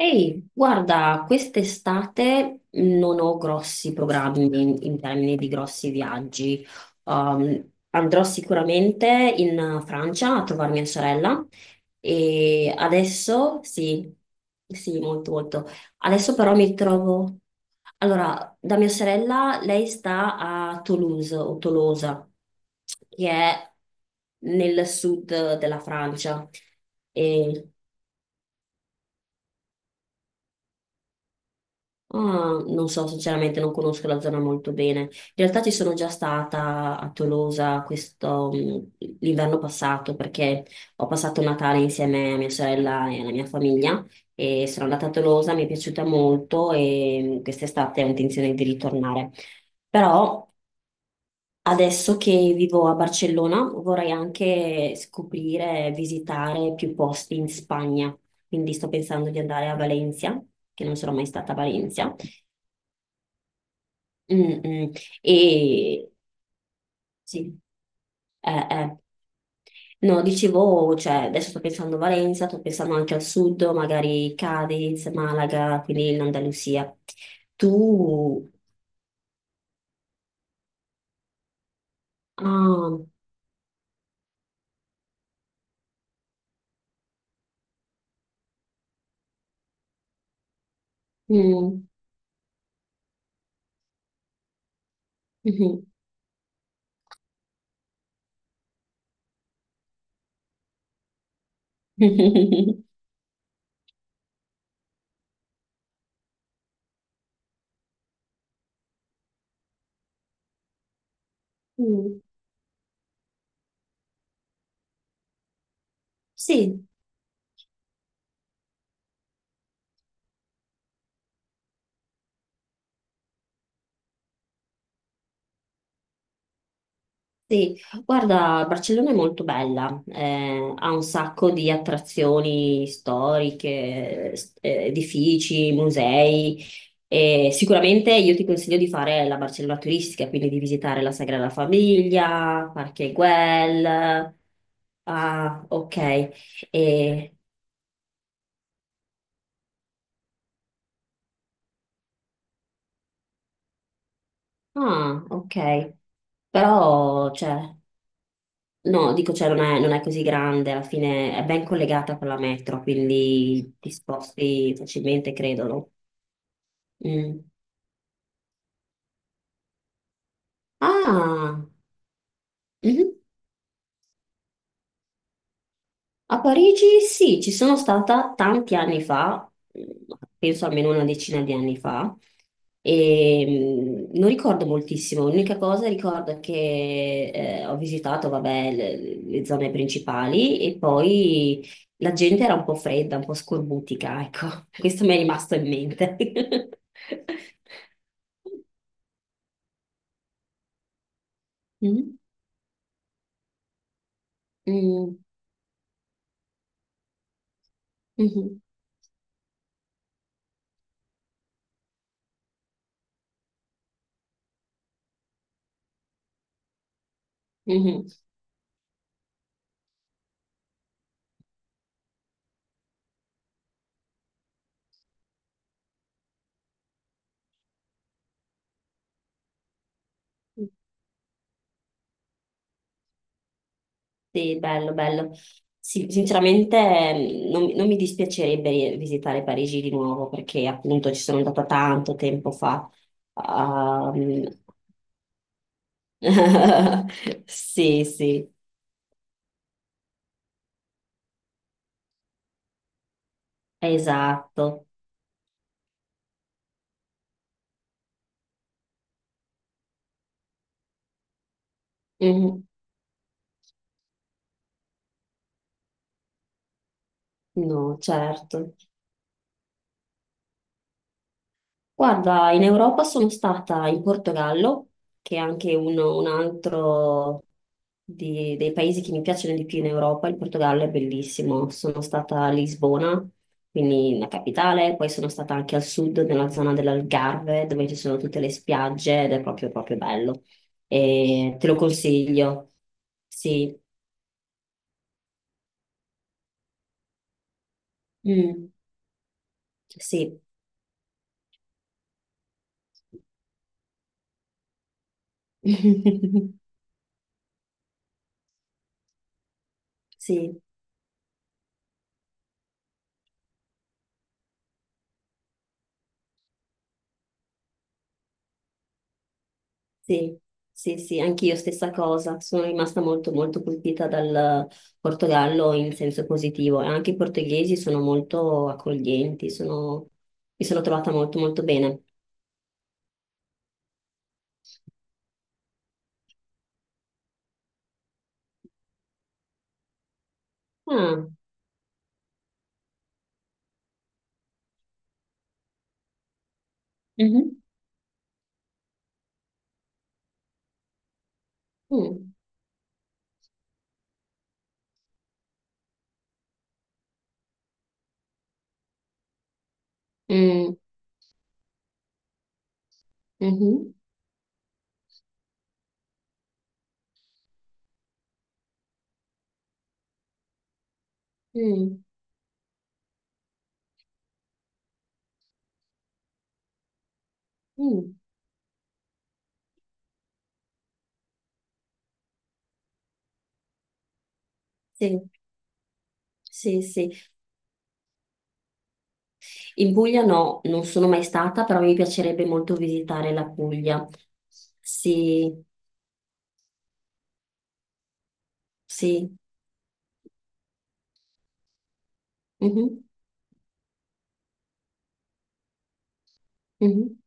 Ehi, guarda, quest'estate non ho grossi programmi in termini di grossi viaggi. Andrò sicuramente in Francia a trovare mia sorella e adesso sì, sì, molto molto. Adesso però mi trovo... Allora, da mia sorella, lei sta a Toulouse o Tolosa, che è nel sud della Francia. E ah, non so, sinceramente non conosco la zona molto bene. In realtà ci sono già stata a Tolosa questo, l'inverno passato perché ho passato Natale insieme a mia sorella e alla mia famiglia e sono andata a Tolosa, mi è piaciuta molto e quest'estate ho intenzione di ritornare. Però adesso che vivo a Barcellona vorrei anche scoprire, visitare più posti in Spagna. Quindi sto pensando di andare a Valencia, che non sono mai stata a Valencia. Mm, mm. E sì, eh. No, dicevo, cioè, adesso sto pensando a Valenza, sto pensando anche al sud, magari Cadiz, Malaga, quindi l'Andalusia. Tu... Ah, mm, mhm. Mm. Sì. Sì, guarda, Barcellona è molto bella, ha un sacco di attrazioni storiche, edifici, musei e sicuramente io ti consiglio di fare la Barcellona turistica, quindi di visitare la Sagrada Famiglia, Parque Güell. Ah, ok. E- ah, ok. Però, cioè, no, dico, cioè, non è così grande, alla fine è ben collegata con la metro, quindi ti sposti facilmente, credo, no? Mm. Ah, mhm. A Parigi sì, ci sono stata tanti anni fa, mm, penso almeno una decina di anni fa, e non ricordo moltissimo, l'unica cosa ricordo che ho visitato, vabbè, le zone principali e poi la gente era un po' fredda, un po' scorbutica, ecco, questo mi è rimasto in mente. Mm, mm, mhm, mhm. Sì, bello, bello. Sì, sinceramente non mi dispiacerebbe visitare Parigi di nuovo perché appunto ci sono andata tanto tempo fa. Ehm. Sì, sì, esatto. Mhm. No, certo. Guarda, in Europa sono stata in Portogallo, che è anche un altro dei paesi che mi piacciono di più in Europa. Il Portogallo è bellissimo. Sono stata a Lisbona, quindi la capitale, poi sono stata anche al sud, nella zona dell'Algarve, dove ci sono tutte le spiagge ed è proprio, proprio bello. E te lo consiglio. Sì, mm, sì. Sì. Sì, sì, sì, anch'io stessa cosa, sono rimasta molto molto colpita dal Portogallo in senso positivo e anche i portoghesi sono molto accoglienti, sono, mi sono trovata molto molto bene. Ah, mhm, mm, mm, mhm, mm, mm, sì, sì, sì. In Puglia no, non sono mai stata, però mi piacerebbe molto visitare la Puglia. Sì, sì, mhm, mhm,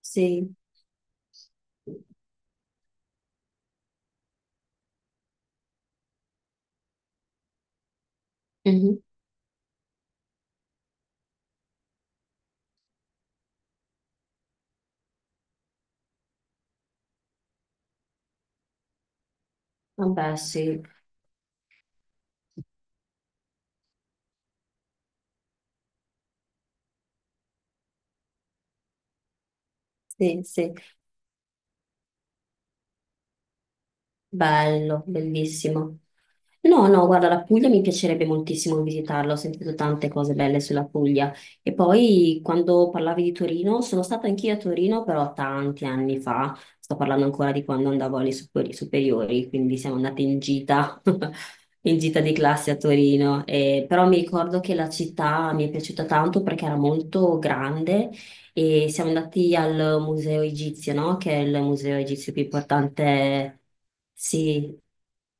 sì. Mhm. Vabbè, sì. Sì, sì, bello, bellissimo. No, no, guarda, la Puglia mi piacerebbe moltissimo visitarla, ho sentito tante cose belle sulla Puglia. E poi quando parlavi di Torino, sono stata anch'io a Torino, però tanti anni fa, sto parlando ancora di quando andavo alle superiori, quindi siamo andate in gita, in gita di classe a Torino. E però mi ricordo che la città mi è piaciuta tanto perché era molto grande. E siamo andati al Museo Egizio, no? Che è il museo egizio più importante. Sì,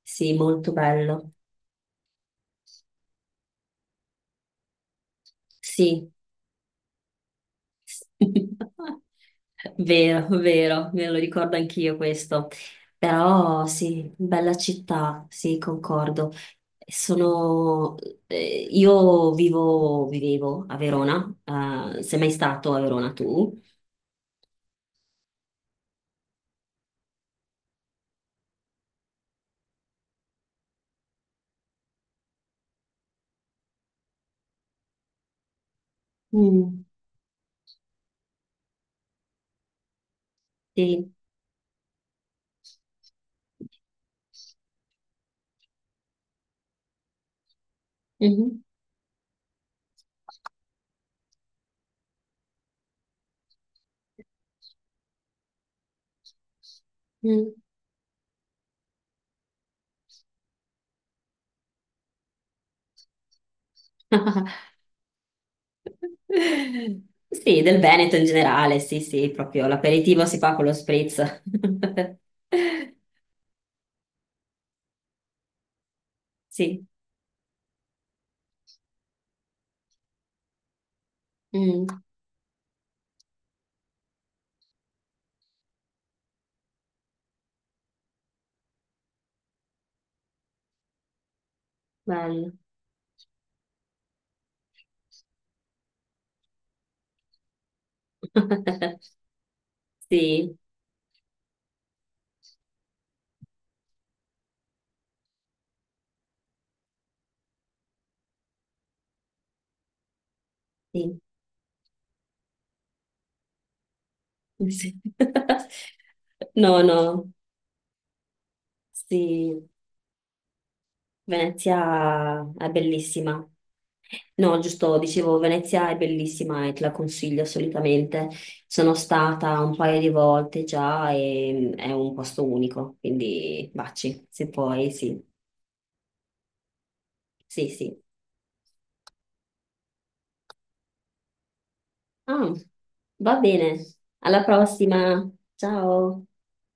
sì, molto bello. Sì. Vero, vero, me lo ricordo anch'io questo. Però sì, bella città, sì, concordo. Sono, vivevo a Verona, sei mai stato a Verona tu? Mm, sì. Mhm, mm. Sì, del Veneto in generale, sì, sì, proprio l'aperitivo si fa con lo spritz. Sì, mm, bello. Sì, sì, sì. No, no, sì, Venezia è bellissima. No, giusto, dicevo, Venezia è bellissima e te la consiglio assolutamente. Sono stata un paio di volte già e è un posto unico, quindi baci, se puoi, sì, sì, sì. Ah, va bene. Alla prossima. Ciao.